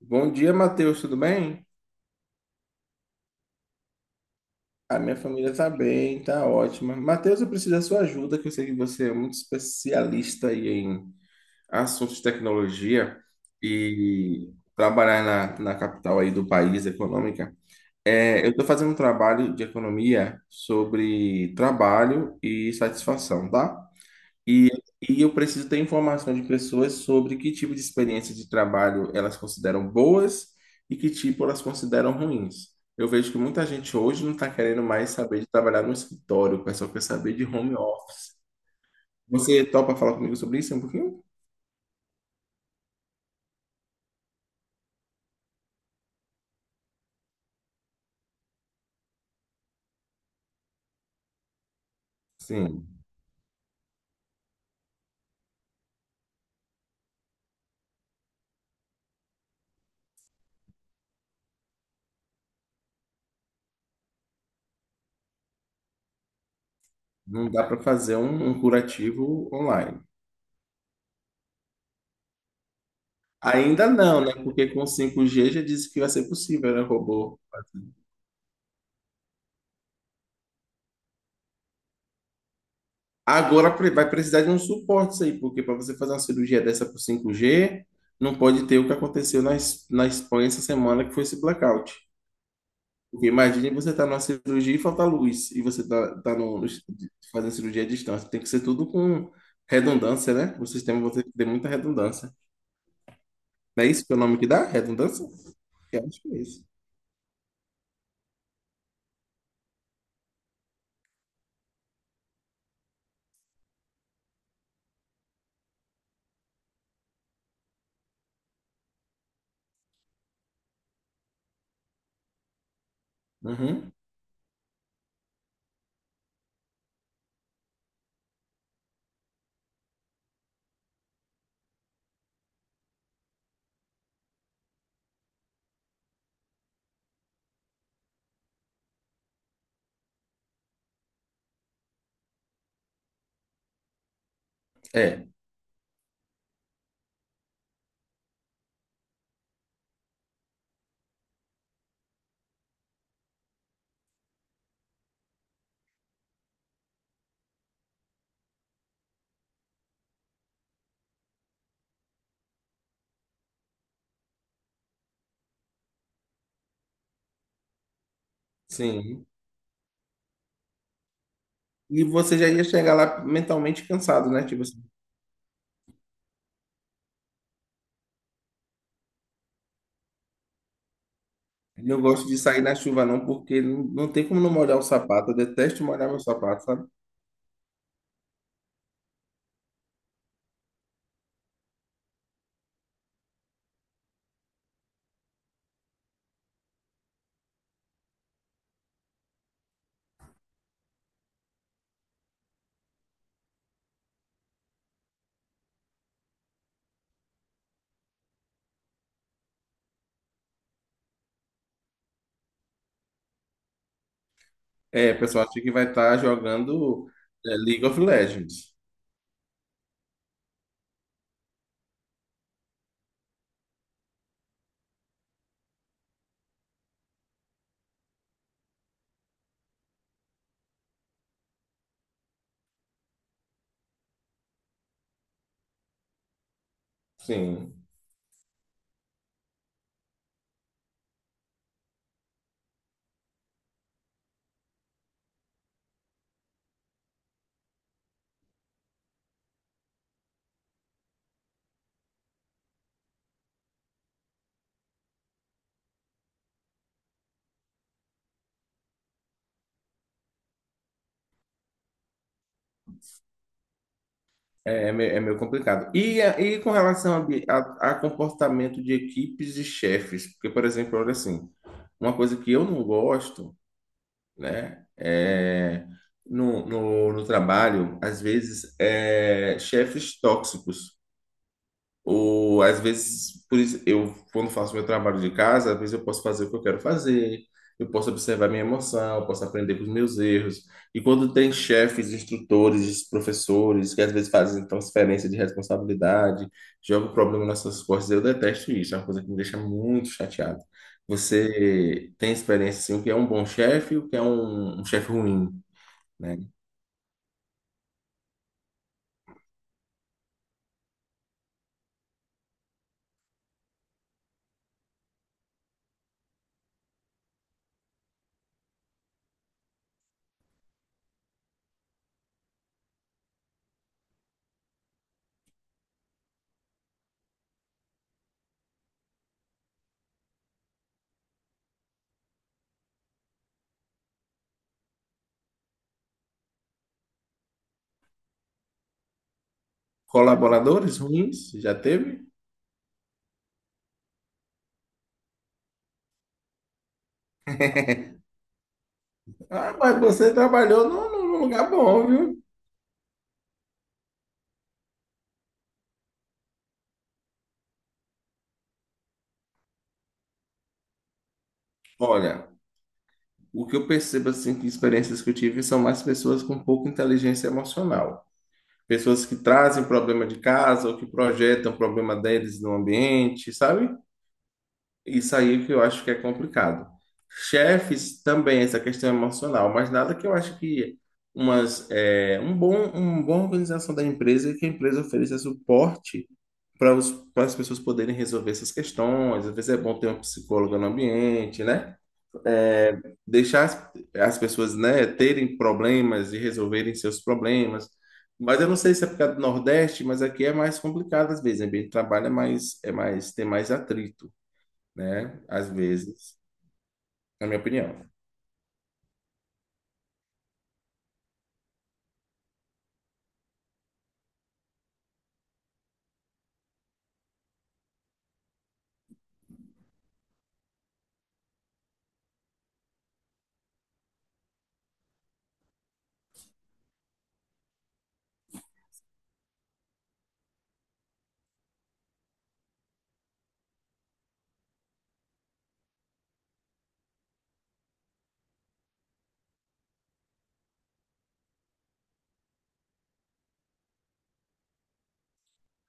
Bom dia, Matheus, tudo bem? A minha família tá bem, tá ótima. Matheus, eu preciso da sua ajuda, que eu sei que você é muito especialista aí em assuntos de tecnologia e trabalhar na capital aí do país, econômica. Eu estou fazendo um trabalho de economia sobre trabalho e satisfação, tá? E, e eu preciso ter informação de pessoas sobre que tipo de experiência de trabalho elas consideram boas e que tipo elas consideram ruins. Eu vejo que muita gente hoje não está querendo mais saber de trabalhar no escritório, o pessoal quer saber de home office. Você topa falar comigo sobre isso um pouquinho? Sim, não dá para fazer um curativo online. Ainda não, né? Porque com 5G já disse que vai ser possível, né, robô? Agora vai precisar de um suporte isso aí, porque para você fazer uma cirurgia dessa por 5G, não pode ter o que aconteceu na Espanha essa semana, que foi esse blackout. Porque imagine você estar tá numa cirurgia e falta luz, e você está tá no, fazendo cirurgia à distância. Tem que ser tudo com redundância, né? O sistema vai ter que ter muita redundância. Não é isso que é o nome que dá? Redundância? Eu acho que é isso. Uhum. É, sim. E você já ia chegar lá mentalmente cansado, né? Não gosto de sair na chuva, não, porque não tem como não molhar o sapato. Eu detesto molhar meu sapato, sabe? O pessoal acha que vai estar jogando League of Legends. Sim, é meio complicado. E com relação a comportamento de equipes e chefes, porque, por exemplo, olha assim, uma coisa que eu não gosto, né, é, no trabalho, às vezes, é chefes tóxicos. Ou às vezes, por isso, eu, quando faço meu trabalho de casa, às vezes eu posso fazer o que eu quero fazer, eu posso observar minha emoção, eu posso aprender com os meus erros. E quando tem chefes, instrutores, professores, que às vezes fazem transferência de responsabilidade, jogam o problema nas suas costas, eu detesto isso, é uma coisa que me deixa muito chateado. Você tem experiência, assim, o que é um bom chefe e o que é um chefe ruim, né? Colaboradores ruins, já teve? Ah, mas você trabalhou num num lugar bom, viu? Olha, o que eu percebo assim que experiências que eu tive são mais pessoas com pouca inteligência emocional. Pessoas que trazem problema de casa ou que projetam o problema deles no ambiente, sabe? Isso aí que eu acho que é complicado. Chefes também, essa questão emocional, mas nada que eu acho que um uma boa organização da empresa é que a empresa ofereça suporte para para as pessoas poderem resolver essas questões. Às vezes é bom ter um psicólogo no ambiente, né? é, deixar as pessoas, né, terem problemas e resolverem seus problemas. Mas eu não sei se é por causa do Nordeste, mas aqui é mais complicado às vezes. O ambiente de trabalho é mais, tem mais atrito, né? Às vezes, na minha opinião.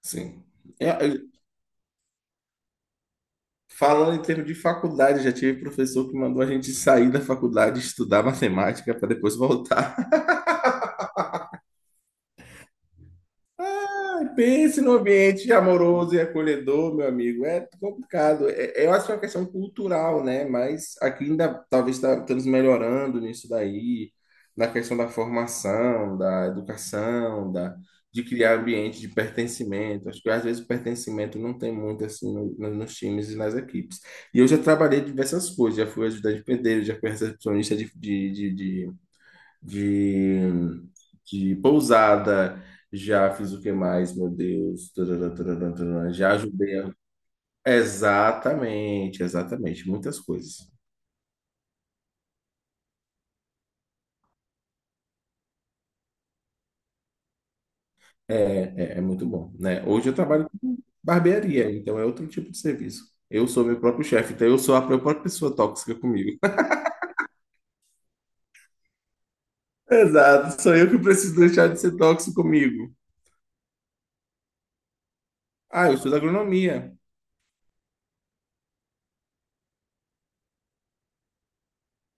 Sim. Eu- eu- Falando em termos de faculdade, já tive professor que mandou a gente sair da faculdade, estudar matemática para depois voltar. Ai, pense no ambiente amoroso e acolhedor, meu amigo. É complicado. Eu acho que é uma questão cultural, né? Mas aqui ainda talvez estamos melhorando nisso daí, na questão da formação, da educação, de criar ambiente de pertencimento. Acho que às vezes o pertencimento não tem muito assim nos times e nas equipes. E eu já trabalhei diversas coisas, já fui ajudante de pedreiro, já fui recepcionista de, de pousada, já fiz o que mais, meu Deus, tarará, tarará, tarará, já ajudei. Exatamente, exatamente, muitas coisas. É muito bom, né? Hoje eu trabalho com barbearia, então é outro tipo de serviço. Eu sou meu próprio chefe, então eu sou a minha própria pessoa tóxica comigo. Exato, sou eu que preciso deixar de ser tóxico comigo. Ah, eu estudo agronomia.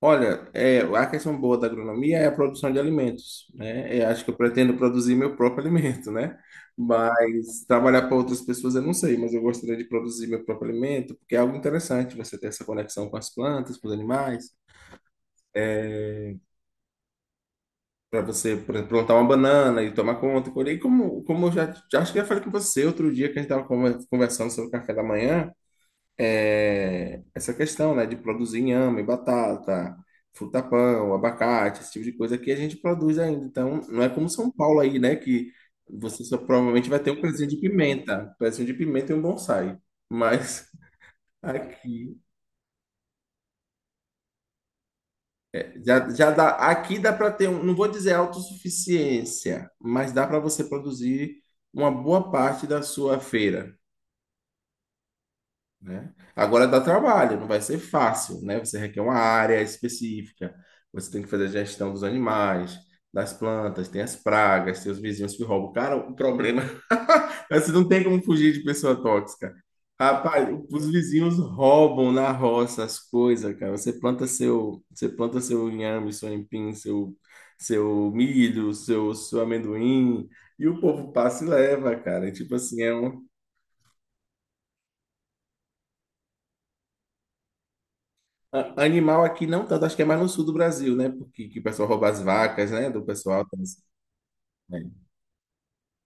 Olha, a questão boa da agronomia é a produção de alimentos, né? Eu acho que eu pretendo produzir meu próprio alimento, né? Mas trabalhar para outras pessoas eu não sei, mas eu gostaria de produzir meu próprio alimento, porque é algo interessante você ter essa conexão com as plantas, com os animais, para você, por exemplo, plantar uma banana e tomar conta, e colher. E como eu já acho que já falei com você outro dia que a gente estava conversando sobre o café da manhã, essa questão, né, de produzir inhame, batata, fruta-pão, abacate, esse tipo de coisa que a gente produz ainda. Então, não é como São Paulo aí, né, que você só provavelmente vai ter um pezinho de pimenta, um pezinho de pimenta e um bonsai. Mas aqui já dá, aqui dá para ter, um, não vou dizer autossuficiência, mas dá para você produzir uma boa parte da sua feira. Né? Agora dá trabalho, não vai ser fácil, né? Você requer uma área específica, você tem que fazer a gestão dos animais, das plantas, tem as pragas, tem os vizinhos que roubam. Cara, o problema, é você não tem como fugir de pessoa tóxica. Rapaz, os vizinhos roubam na roça as coisas, cara. Você planta seu inhame, seu empim, seu milho, seu amendoim, e o povo passa e leva, cara. Tipo assim, é uma animal aqui não tanto, acho que é mais no sul do Brasil, né? Porque que o pessoal rouba as vacas, né? Do pessoal. Tá, assim, né?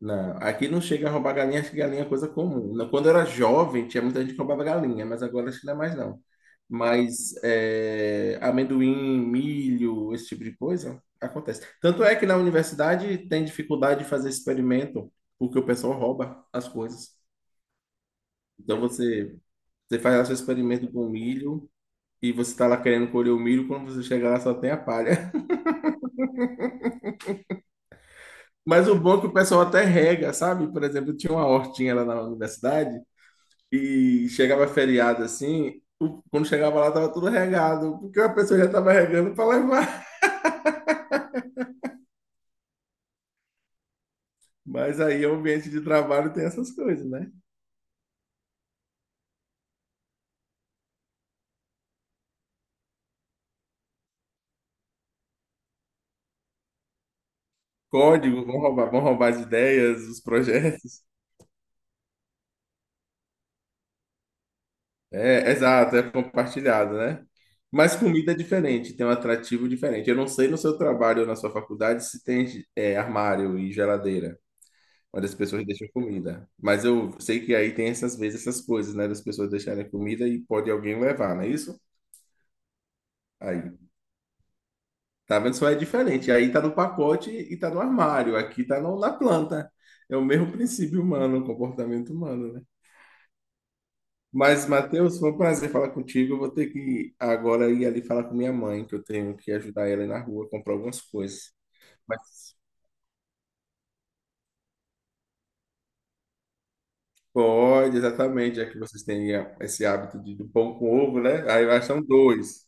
Não, aqui não chega a roubar galinha, acho que galinha é coisa comum. Não, quando eu era jovem, tinha muita gente que roubava galinha, mas agora acho que não é mais não. Mas é, amendoim, milho, esse tipo de coisa, acontece. Tanto é que na universidade tem dificuldade de fazer experimento, porque o pessoal rouba as coisas. Então você faz o seu experimento com milho e você está lá querendo colher o milho, quando você chega lá só tem a palha. Mas o bom é que o pessoal até rega, sabe? Por exemplo, tinha uma hortinha lá na universidade e chegava feriado assim, quando chegava lá tava tudo regado, porque a pessoa já tava regando para levar. Mas aí o ambiente de trabalho tem essas coisas, né? Código, vão roubar as ideias, os projetos. É, exato, é compartilhado, né? Mas comida é diferente, tem um atrativo diferente. Eu não sei no seu trabalho ou na sua faculdade se tem armário e geladeira, onde as pessoas deixam comida. Mas eu sei que aí tem essas vezes, essas coisas, né? Das pessoas deixarem comida e pode alguém levar, não é isso? Aí, tá vendo? Só é diferente. Aí tá no pacote e tá no armário. Aqui tá na planta. É o mesmo princípio humano, o comportamento humano, né? Mas, Matheus, foi um prazer falar contigo. Eu vou ter que agora ir ali falar com minha mãe, que eu tenho que ajudar ela na rua, comprar algumas coisas. Mas pode, exatamente, já que vocês têm esse hábito de, do pão com ovo, né? Aí vai, são dois.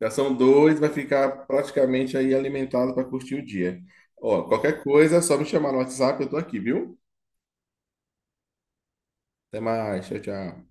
Já são dois, vai ficar praticamente aí alimentado para curtir o dia. Ó, qualquer coisa, é só me chamar no WhatsApp, eu tô aqui, viu? Até mais, tchau, tchau.